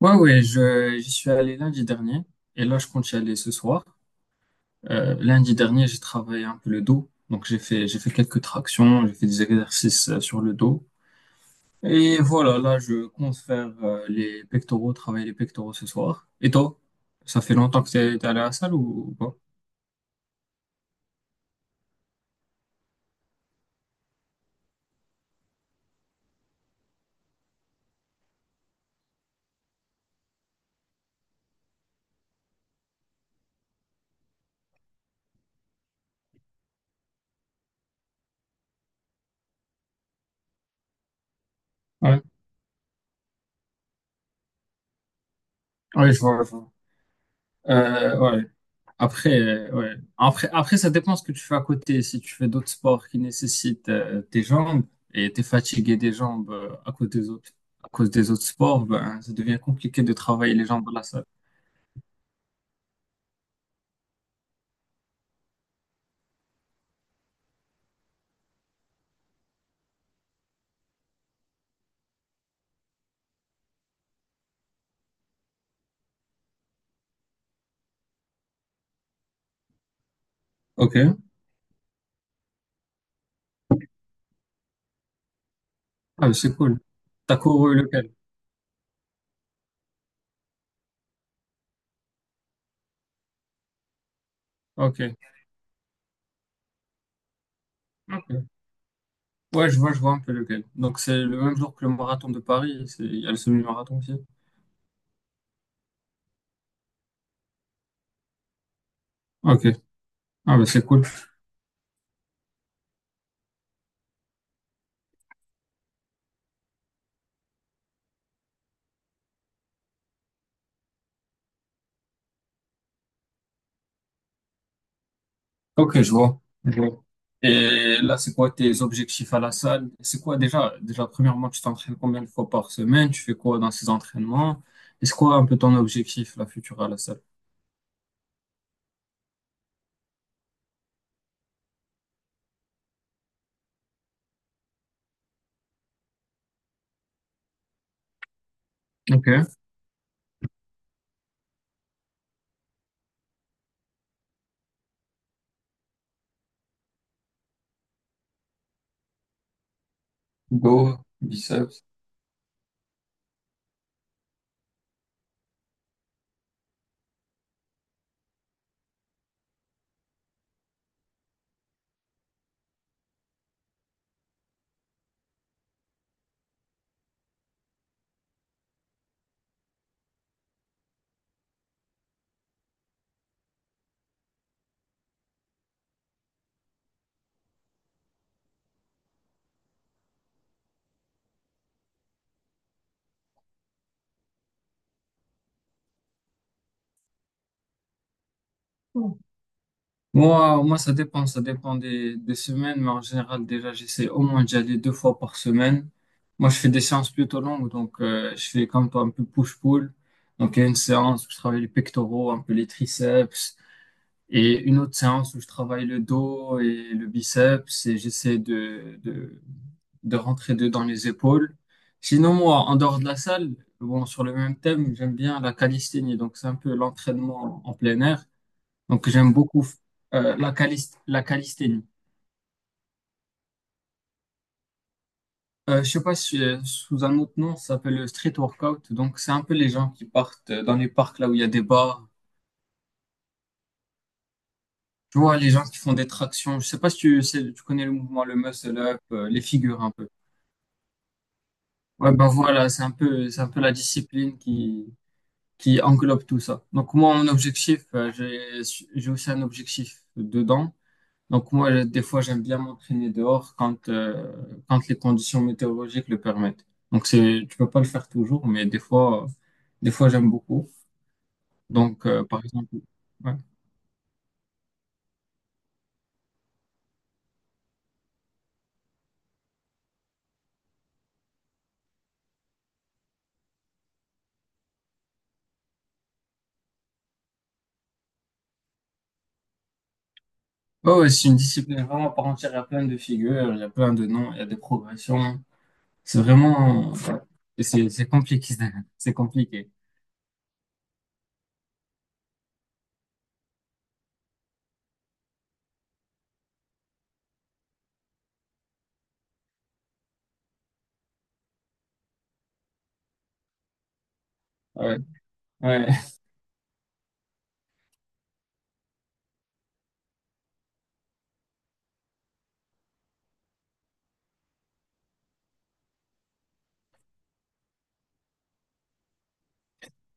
J'y suis allé lundi dernier et là, je compte y aller ce soir. Lundi dernier, j'ai travaillé un peu le dos. Donc, j'ai fait quelques tractions, j'ai fait des exercices sur le dos. Et voilà, là, je compte faire les pectoraux, travailler les pectoraux ce soir. Et toi, ça fait longtemps que t'es allé à la salle ou pas? Ouais, ouais, je vois. Ouais. Après, ouais. Après, ça dépend ce que tu fais à côté. Si tu fais d'autres sports qui nécessitent tes jambes et t'es fatigué des jambes à cause des autres, à cause des autres sports, ben, ça devient compliqué de travailler les jambes dans la salle. Ok. Ah, mais c'est cool. T'as couru lequel? Ok. Ok. Ouais, je vois un peu lequel. Donc, c'est le même jour que le marathon de Paris. Il y a le semi-marathon aussi. Ok. Ah, mais c'est cool. Ok, Je vois. Et là, c'est quoi tes objectifs à la salle? C'est quoi déjà, premièrement, tu t'entraînes combien de fois par semaine? Tu fais quoi dans ces entraînements? Et c'est quoi un peu ton objectif, la future à la salle? Ok. Go, biceps. Mm. Moi, ça dépend, des semaines, mais en général, déjà, j'essaie au moins d'y aller deux fois par semaine. Moi, je fais des séances plutôt longues, donc je fais comme toi un peu push-pull. Donc, il y a une séance où je travaille les pectoraux, un peu les triceps, et une autre séance où je travaille le dos et le biceps et de rentrer dedans les épaules. Sinon, moi, en dehors de la salle, bon, sur le même thème, j'aime bien la calisthénie. Donc, c'est un peu l'entraînement en plein air. Donc, j'aime beaucoup la calisthénie. Je sais pas si sous un autre nom, ça s'appelle le street workout. Donc, c'est un peu les gens qui partent dans les parcs là où il y a des bars. Tu vois, les gens qui font des tractions. Je sais pas si tu connais le mouvement, le muscle up, les figures un peu. Ouais, bah voilà, c'est un peu la discipline qui englobe tout ça. Donc moi, mon objectif, j'ai aussi un objectif dedans. Donc moi, des fois, j'aime bien m'entraîner dehors quand les conditions météorologiques le permettent. Tu peux pas le faire toujours, mais des fois, j'aime beaucoup. Donc, par exemple, ouais. Ouais, ouais, c'est une discipline vraiment à part entière. Il y a plein de figures, il y a plein de noms, il y a des progressions. C'est vraiment, ouais. Et c'est compliqué, c'est compliqué. Ouais. Ouais.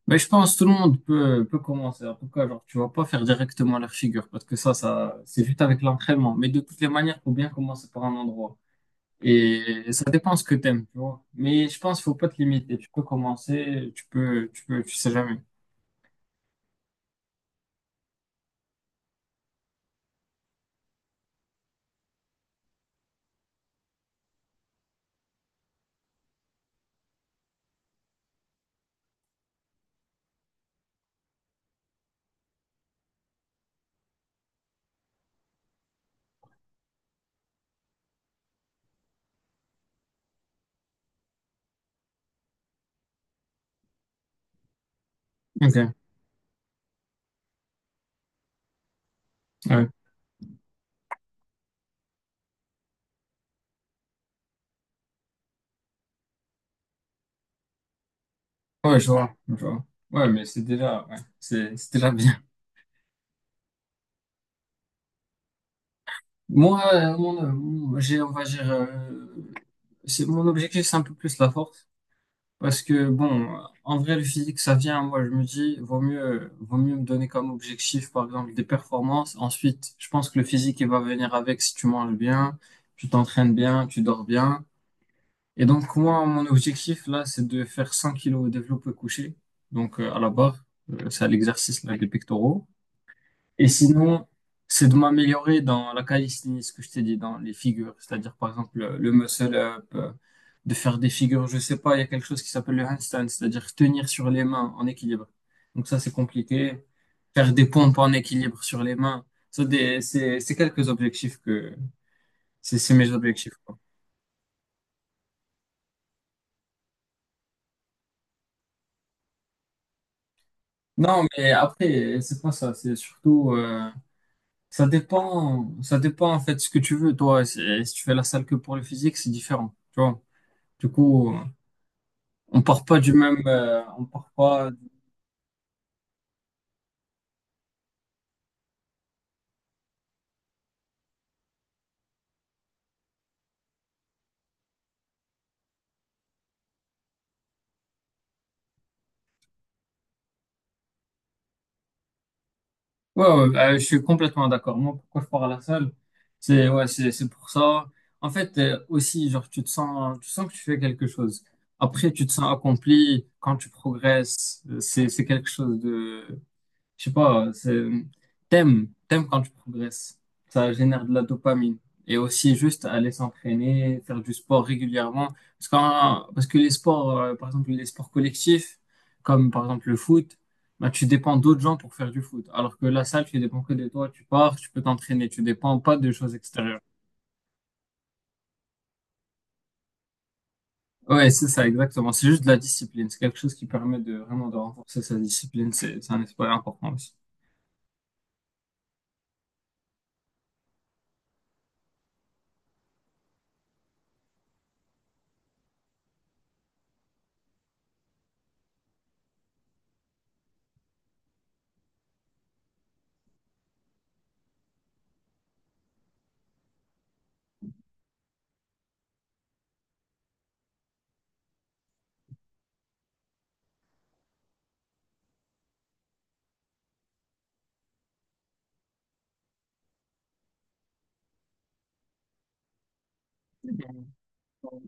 Mais je pense que tout le monde peut commencer. En tout cas, genre, tu vas pas faire directement leur figure parce que c'est juste avec l'entraînement. Mais de toutes les manières, faut bien commencer par un endroit. Et ça dépend ce que t'aimes, tu vois. Mais je pense qu'il faut pas te limiter. Tu peux commencer, tu peux, tu sais jamais. Ok. Ouais. Ouais, je vois. Ouais, mais c'est déjà bien. Moi, euh, mon, euh, on va dire, mon objectif, c'est un peu plus la force. Parce que, bon, en vrai, le physique, ça vient. Moi, je me dis, vaut mieux me donner comme objectif, par exemple, des performances. Ensuite, je pense que le physique, il va venir avec si tu manges bien, tu t'entraînes bien, tu dors bien. Et donc, moi, mon objectif, là, c'est de faire 100 kilos au développé couché. Donc, à la barre, c'est à l'exercice, là, des pectoraux. Et sinon, c'est de m'améliorer dans la calisthénie, ce que je t'ai dit, dans les figures. C'est-à-dire, par exemple, le muscle-up, de faire des figures, je sais pas, il y a quelque chose qui s'appelle le handstand, c'est-à-dire tenir sur les mains en équilibre. Donc ça, c'est compliqué. Faire des pompes en équilibre sur les mains. C'est quelques objectifs que... C'est mes objectifs, quoi. Non, mais après, c'est pas ça. C'est surtout... ça dépend en fait ce que tu veux, toi. Si tu fais la salle que pour le physique, c'est différent, tu vois. Du coup... On part pas du même, on part pas. Ouais, ouais, je suis complètement d'accord. Moi, pourquoi je pars à la salle? C'est ouais, C'est pour ça. En fait, aussi, genre, tu sens que tu fais quelque chose. Après, tu te sens accompli quand tu progresses. C'est quelque chose de je sais pas, t'aimes quand tu progresses. Ça génère de la dopamine. Et aussi juste aller s'entraîner, faire du sport régulièrement. Parce que les sports, par exemple, les sports collectifs, comme par exemple le foot, bah, tu dépends d'autres gens pour faire du foot. Alors que la salle, tu dépends que de toi. Tu pars, tu peux t'entraîner. Tu dépends pas de choses extérieures. Ouais, c'est ça, exactement. C'est juste de la discipline. C'est quelque chose qui permet de vraiment de renforcer sa discipline. C'est un aspect important aussi.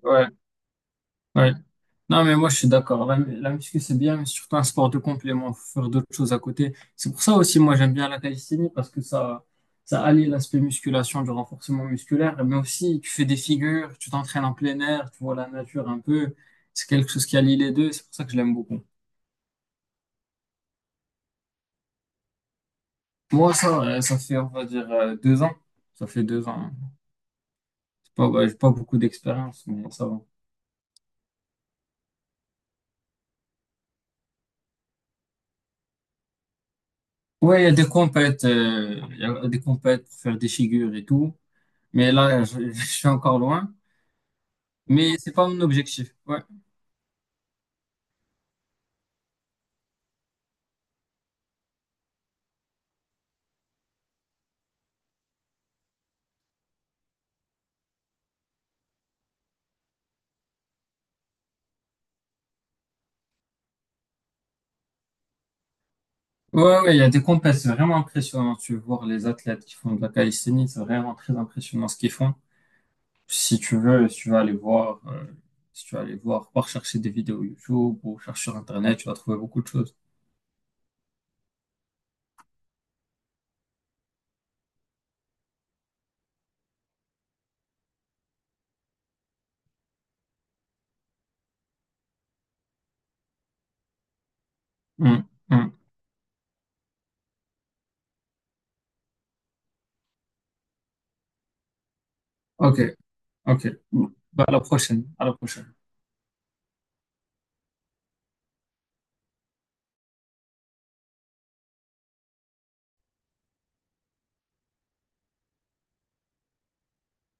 Ouais. Ouais. Non, mais moi, je suis d'accord. La muscu, c'est bien, mais surtout un sport de complément. Faut faire d'autres choses à côté. C'est pour ça aussi, moi, j'aime bien la calisthénie parce que ça allie l'aspect musculation, du renforcement musculaire, mais aussi tu fais des figures, tu t'entraînes en plein air, tu vois la nature un peu. C'est quelque chose qui allie les deux. C'est pour ça que je l'aime beaucoup. Ça fait, on va dire, 2 ans. Ça fait 2 ans. Hein. C'est pas, ouais, j'ai pas beaucoup d'expérience, mais ça va. Ouais, il y a des compètes, il y a des compètes pour faire des figures et tout. Mais là, je je suis encore loin. Mais c'est pas mon objectif. Ouais. Ouais, ouais, il y a des compètes, c'est vraiment impressionnant. Tu veux voir les athlètes qui font de la calisthénie, c'est vraiment très impressionnant ce qu'ils font. Si tu veux, si tu vas aller voir, si tu vas aller voir, par chercher des vidéos YouTube ou chercher sur Internet, tu vas trouver beaucoup de choses. Hum, hum. Ok, ok. Bah, à la prochaine, à la prochaine.